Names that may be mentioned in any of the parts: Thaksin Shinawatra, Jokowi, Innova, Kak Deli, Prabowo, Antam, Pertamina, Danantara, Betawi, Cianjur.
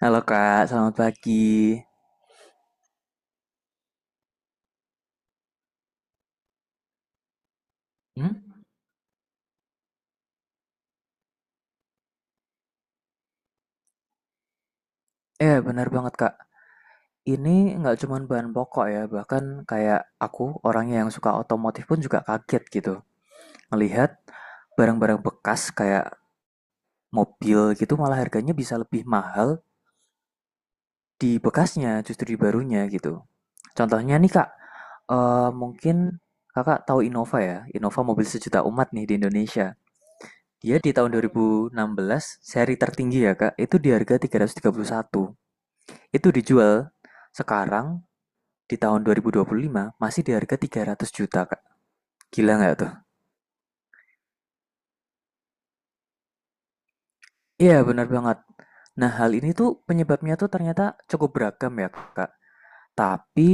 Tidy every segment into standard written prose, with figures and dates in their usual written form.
Halo Kak, selamat pagi. Hmm? Benar banget Kak. Ini nggak cuman bahan pokok ya, bahkan kayak aku orangnya yang suka otomotif pun juga kaget gitu. Melihat barang-barang bekas kayak mobil gitu malah harganya bisa lebih mahal di bekasnya justru di barunya gitu. Contohnya nih Kak, mungkin Kakak tahu Innova ya, Innova mobil sejuta umat nih di Indonesia. Dia di tahun 2016 seri tertinggi ya Kak, itu di harga tiga 331. Itu dijual sekarang di tahun 2025 masih di harga 300 juta, Kak. Gila nggak tuh? Iya, benar banget. Nah, hal ini tuh penyebabnya tuh ternyata cukup beragam ya, Kak. Tapi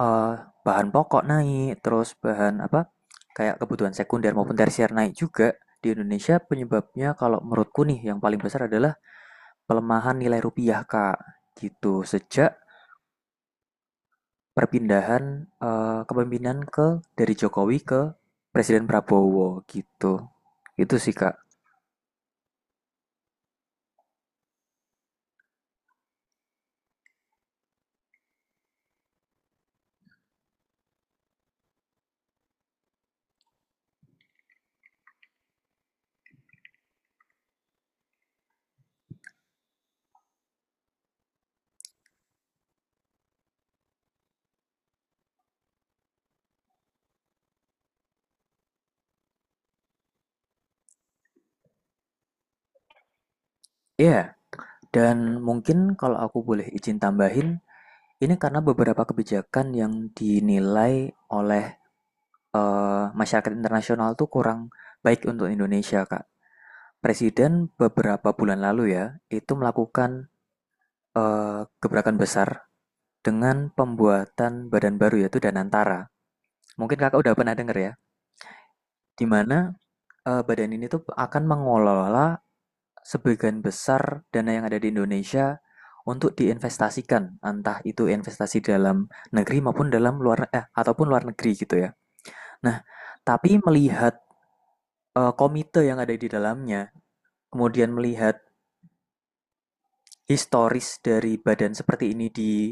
eh, bahan pokok naik, terus bahan apa? Kayak kebutuhan sekunder maupun tersier naik juga. Di Indonesia penyebabnya kalau menurutku nih yang paling besar adalah pelemahan nilai rupiah, Kak. Gitu. Sejak perpindahan, kepemimpinan ke dari Jokowi ke Presiden Prabowo gitu. Itu sih, Kak. Iya, yeah. Dan mungkin kalau aku boleh izin tambahin, ini karena beberapa kebijakan yang dinilai oleh, masyarakat internasional tuh kurang baik untuk Indonesia, Kak. Presiden beberapa bulan lalu ya, itu melakukan, gebrakan besar dengan pembuatan badan baru yaitu Danantara. Mungkin Kakak udah pernah dengar ya? Di mana badan ini tuh akan mengelola sebagian besar dana yang ada di Indonesia untuk diinvestasikan, entah itu investasi dalam negeri maupun dalam luar ataupun luar negeri gitu ya. Nah, tapi melihat, komite yang ada di dalamnya, kemudian melihat historis dari badan seperti ini di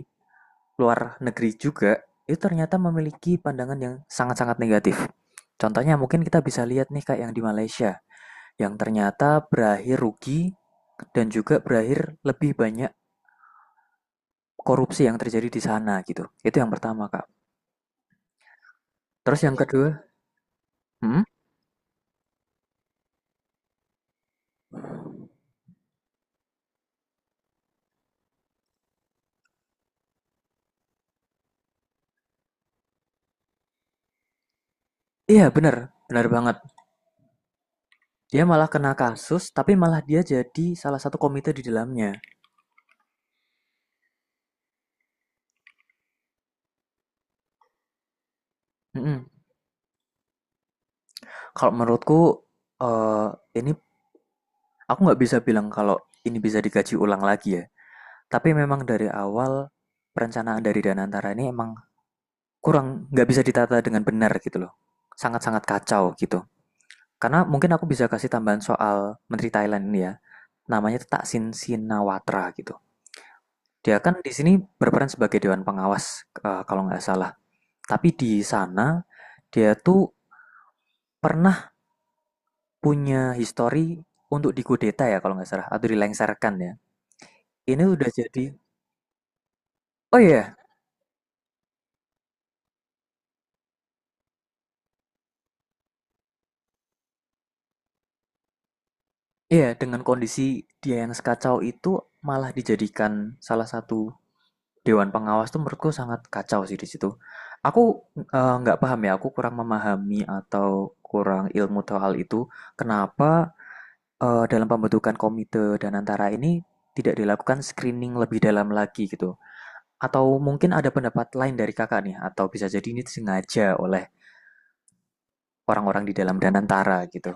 luar negeri juga, itu ternyata memiliki pandangan yang sangat-sangat negatif. Contohnya mungkin kita bisa lihat nih kayak yang di Malaysia, yang ternyata berakhir rugi dan juga berakhir lebih banyak korupsi yang terjadi di sana gitu. Itu yang pertama, Kak. Terus yang, Iya, kedua, hmm? Iya bener, bener banget. Dia malah kena kasus, tapi malah dia jadi salah satu komite di dalamnya. Mm-mm. Kalau menurutku, eh ini aku nggak bisa bilang kalau ini bisa dikaji ulang lagi ya. Tapi memang dari awal perencanaan dari Danantara ini emang kurang nggak bisa ditata dengan benar gitu loh. Sangat-sangat kacau gitu. Karena mungkin aku bisa kasih tambahan soal Menteri Thailand ini ya. Namanya tuh Thaksin Shinawatra gitu. Dia kan di sini berperan sebagai dewan pengawas, kalau nggak salah. Tapi di sana dia tuh pernah punya histori untuk dikudeta ya kalau nggak salah atau dilengsarkan ya. Ini udah jadi. Oh iya, yeah, iya, yeah, dengan kondisi dia yang sekacau itu malah dijadikan salah satu Dewan Pengawas tuh menurutku sangat kacau sih di situ. Aku nggak paham ya, aku kurang memahami atau kurang ilmu tahu hal itu. Kenapa dalam pembentukan komite dan antara ini tidak dilakukan screening lebih dalam lagi gitu? Atau mungkin ada pendapat lain dari kakak nih? Atau bisa jadi ini disengaja oleh orang-orang di dalam dan antara gitu?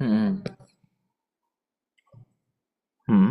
Hmm, hmm,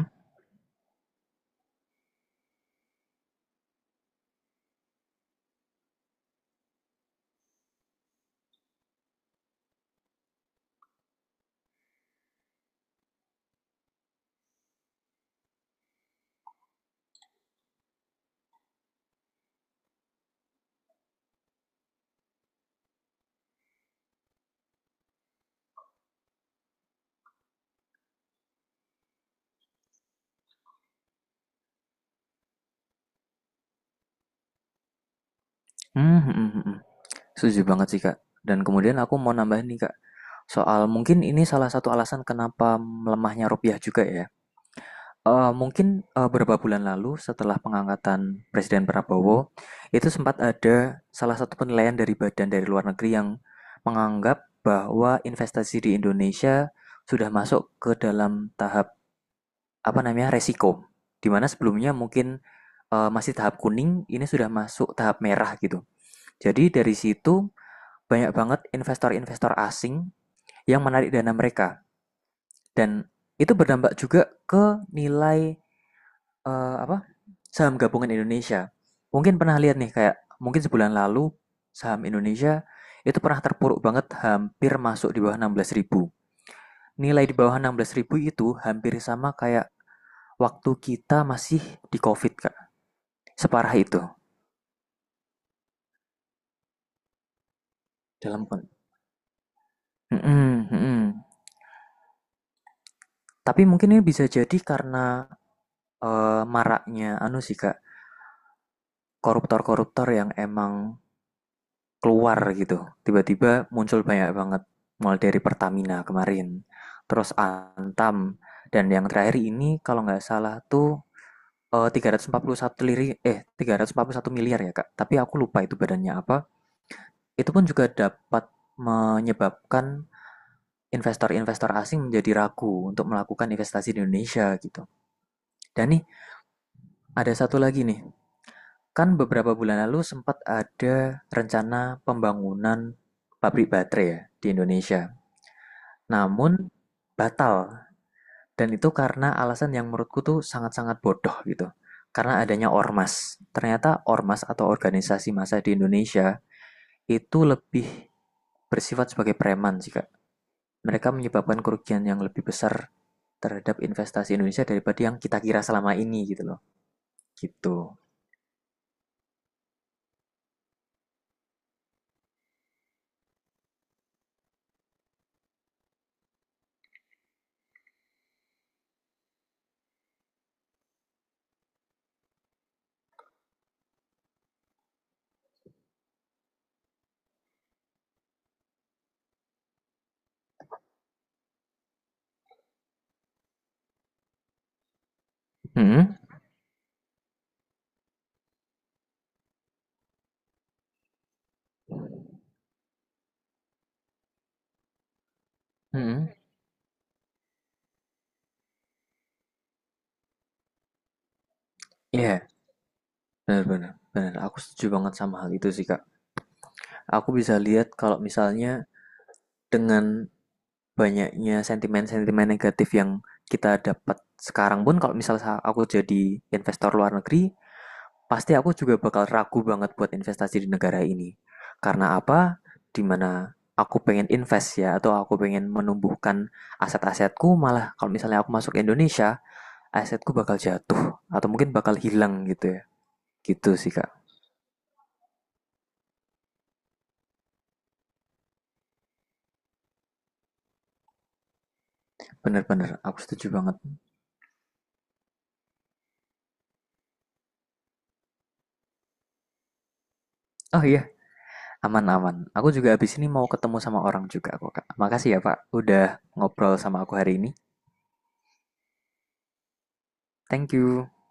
hmm, hmm, hmm, hmm, hmm. Setuju banget sih Kak. Dan kemudian aku mau nambahin nih Kak. Soal mungkin ini salah satu alasan kenapa melemahnya rupiah juga ya. Mungkin, beberapa bulan lalu setelah pengangkatan Presiden Prabowo, itu sempat ada salah satu penilaian dari badan dari luar negeri yang menganggap bahwa investasi di Indonesia sudah masuk ke dalam tahap, apa namanya, resiko. Di mana sebelumnya mungkin, masih tahap kuning, ini sudah masuk tahap merah gitu. Jadi dari situ banyak banget investor-investor asing yang menarik dana mereka dan itu berdampak juga ke nilai, apa, saham gabungan Indonesia. Mungkin pernah lihat nih kayak mungkin sebulan lalu saham Indonesia itu pernah terpuruk banget hampir masuk di bawah 16.000. Nilai di bawah 16.000 itu hampir sama kayak waktu kita masih di COVID, Kak, separah itu dalam kon, mhm, mhm. Tapi mungkin ini bisa jadi karena, maraknya anu sih, Kak, koruptor-koruptor yang emang keluar gitu. Tiba-tiba muncul banyak banget, mulai dari Pertamina kemarin, terus Antam, dan yang terakhir ini kalau nggak salah tuh eh, 341 liri, eh 341 miliar ya Kak, tapi aku lupa itu badannya apa. Itu pun juga dapat menyebabkan investor-investor asing menjadi ragu untuk melakukan investasi di Indonesia gitu. Dan nih ada satu lagi nih, kan beberapa bulan lalu sempat ada rencana pembangunan pabrik baterai ya di Indonesia. Namun batal, dan itu karena alasan yang menurutku tuh sangat-sangat bodoh gitu. Karena adanya ormas. Ternyata ormas atau organisasi massa di Indonesia itu lebih bersifat sebagai preman sih Kak. Mereka menyebabkan kerugian yang lebih besar terhadap investasi Indonesia daripada yang kita kira selama ini gitu loh. Gitu. Hmm? Hmm? Iya, benar-benar. Benar, aku setuju banget sama hal itu sih Kak. Aku bisa lihat kalau misalnya dengan banyaknya sentimen-sentimen negatif yang kita dapat sekarang pun kalau misalnya aku jadi investor luar negeri, pasti aku juga bakal ragu banget buat investasi di negara ini. Karena apa? Dimana aku pengen invest ya, atau aku pengen menumbuhkan aset-asetku, malah kalau misalnya aku masuk Indonesia, asetku bakal jatuh, atau mungkin bakal hilang gitu ya. Gitu sih, Kak. Bener-bener, aku setuju banget. Oh iya, aman, aman. Aku juga habis ini mau ketemu sama orang juga kok, Kak. Makasih ya, Pak, udah ngobrol sama aku hari ini. Thank you.